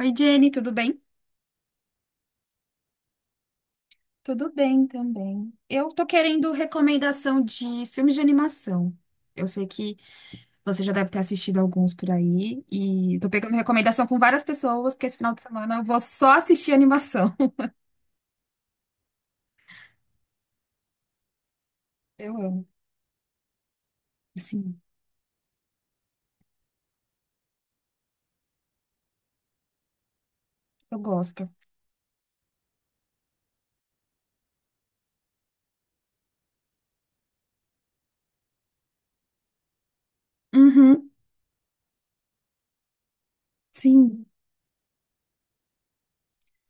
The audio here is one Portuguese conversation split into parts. Oi, Jenny, tudo bem? Tudo bem também. Eu tô querendo recomendação de filmes de animação. Eu sei que você já deve ter assistido alguns por aí e tô pegando recomendação com várias pessoas, porque esse final de semana eu vou só assistir animação. Eu amo, sim, eu gosto. Uhum, sim.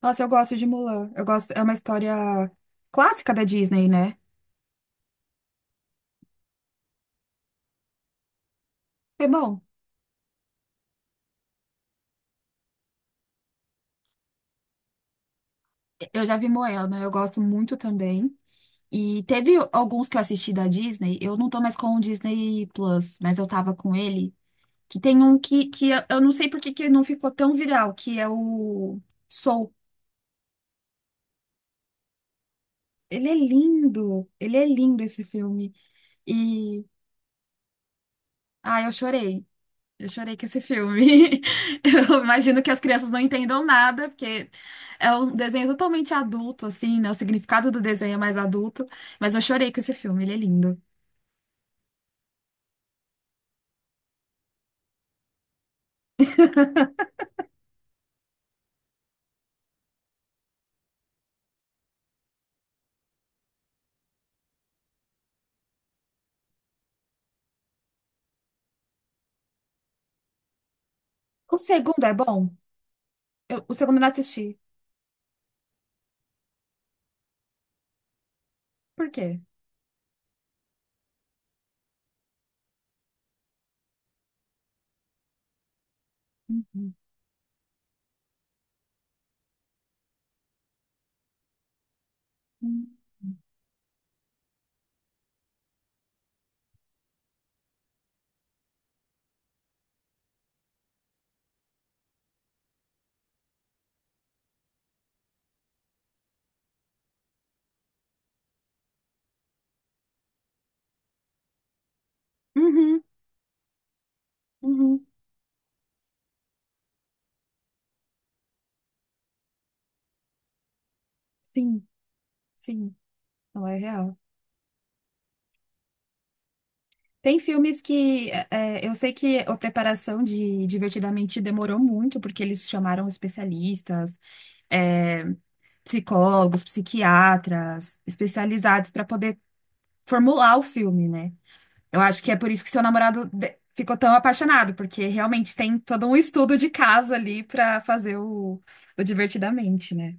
Nossa, eu gosto de Mulan. Eu gosto, é uma história clássica da Disney, né? Foi bom. Eu já vi Moana, eu gosto muito também. E teve alguns que eu assisti da Disney, eu não tô mais com o Disney Plus, mas eu tava com ele, que tem um que eu não sei por que que não ficou tão viral, que é o Soul. Ele é lindo esse filme. E, ah, eu chorei, eu chorei com esse filme. Eu imagino que as crianças não entendam nada, porque é um desenho totalmente adulto, assim, né? O significado do desenho é mais adulto, mas eu chorei com esse filme, ele é lindo. O segundo é bom? Eu- o segundo eu não assisti. Por quê? Uhum, uhum, uhum. Sim, sim, não é real. Tem filmes que é, é, eu sei que a preparação de Divertidamente demorou muito, porque eles chamaram especialistas, é, psicólogos, psiquiatras, especializados para poder formular o filme, né? Eu acho que é por isso que seu namorado de- ficou tão apaixonado, porque realmente tem todo um estudo de caso ali para fazer o Divertidamente, né?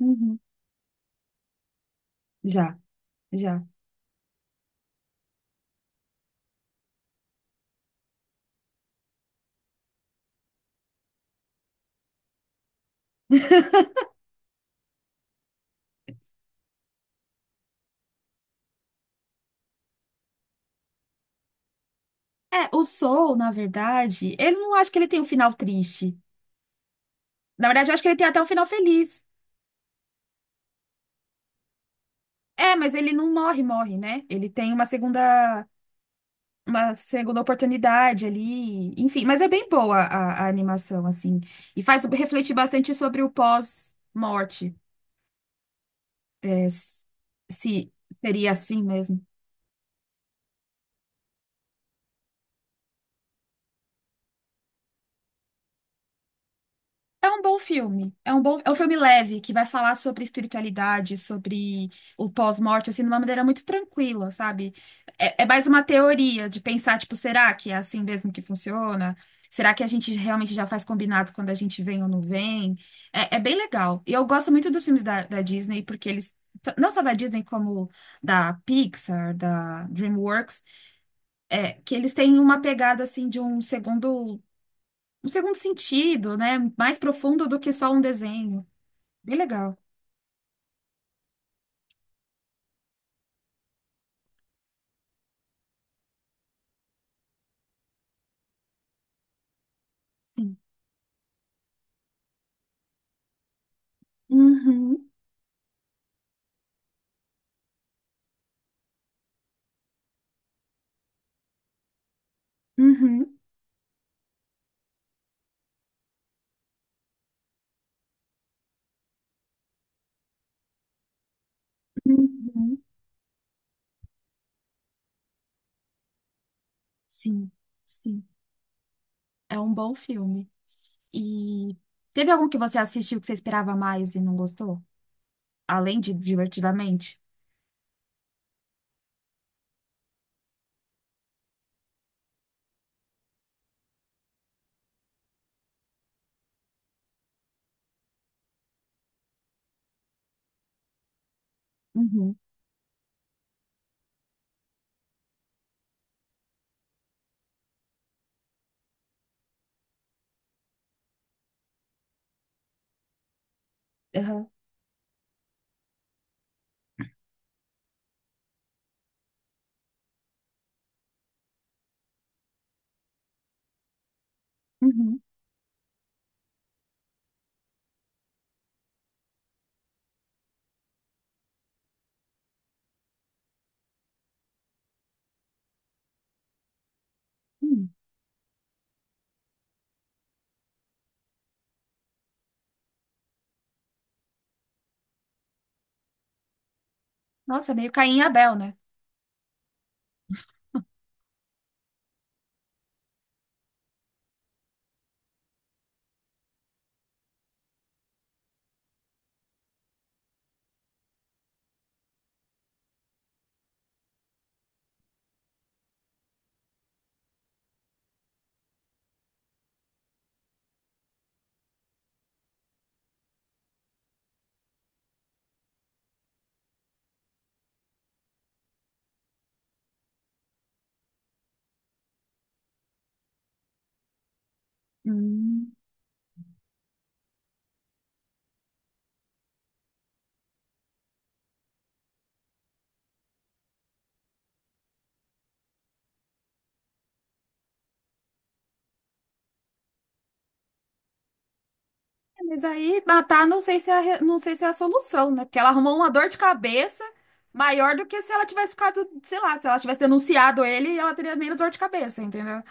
Uhum. Já, já. É, o Soul, na verdade, ele não acho que ele tem um final triste. Na verdade, eu acho que ele tem até um final feliz. É, mas ele não morre, morre, né? Ele tem uma segunda oportunidade ali. Enfim, mas é bem boa a animação, assim. E faz refletir bastante sobre o pós-morte. É, se seria assim mesmo. É um bom filme. É um bom, é um filme leve que vai falar sobre espiritualidade, sobre o pós-morte, assim, de uma maneira muito tranquila, sabe? É, é mais uma teoria de pensar, tipo, será que é assim mesmo que funciona? Será que a gente realmente já faz combinados quando a gente vem ou não vem? É, é bem legal. E eu gosto muito dos filmes da Disney, porque eles, t- não só da Disney, como da Pixar, da DreamWorks, é, que eles têm uma pegada, assim, de um segundo sentido, né? Mais profundo do que só um desenho. Bem legal. Sim. Uhum, uhum, uhum. Sim, sim. É um bom filme. E teve algum que você assistiu que você esperava mais e não gostou? Além de Divertidamente? Uhum. Aham. Uhum. Uhum. Nossa, meio Caim e Abel, né? Hum. É, mas aí matar não sei se é a, re- não sei se é a solução, né? Porque ela arrumou uma dor de cabeça maior do que se ela tivesse ficado, sei lá, se ela tivesse denunciado ele, ela teria menos dor de cabeça, entendeu?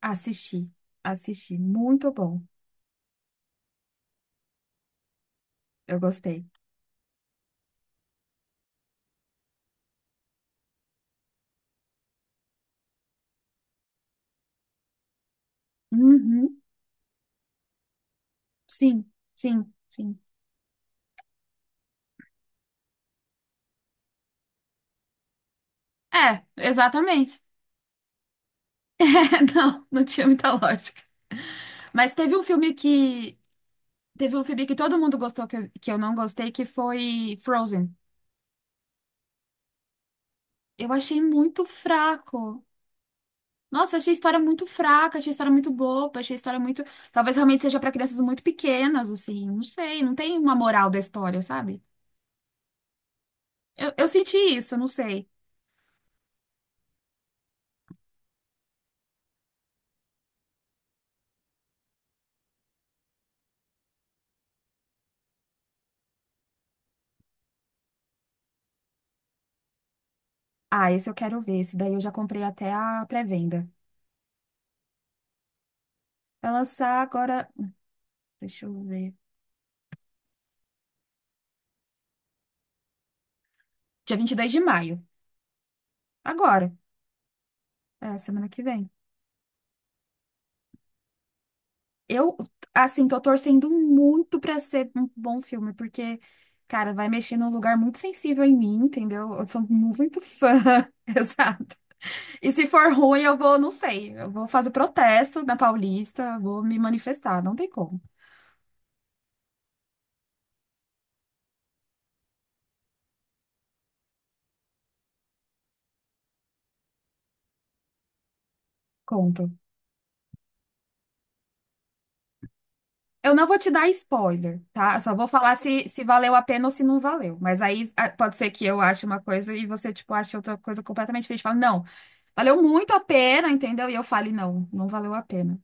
Assisti, assisti, muito bom. Eu gostei. Uhum. Sim, sim, sim. É, exatamente. É, não, não tinha muita lógica. Mas teve um filme que teve um filme que todo mundo gostou que eu não gostei, que foi Frozen. Eu achei muito fraco. Nossa, achei a história muito fraca, achei a história muito boba, achei a história muito. Talvez realmente seja para crianças muito pequenas, assim. Não sei, não tem uma moral da história, sabe? Eu senti isso, não sei. Ah, esse eu quero ver. Esse daí eu já comprei até a pré-venda. Vai lançar agora. Deixa eu ver. Dia 22 de maio. Agora, é, semana que vem. Eu, assim, tô torcendo muito pra ser um bom filme, porque, cara, vai mexer num lugar muito sensível em mim, entendeu? Eu sou muito fã, exato. E se for ruim, eu vou, não sei, eu vou fazer protesto na Paulista, vou me manifestar, não tem como. Conto. Eu não vou te dar spoiler, tá? Eu só vou falar se, se valeu a pena ou se não valeu. Mas aí pode ser que eu ache uma coisa e você, tipo, ache outra coisa completamente diferente. Fala, não. Valeu muito a pena, entendeu? E eu falei, não, não valeu a pena.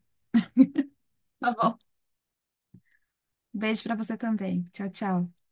Tá bom. Beijo pra você também. Tchau, tchau.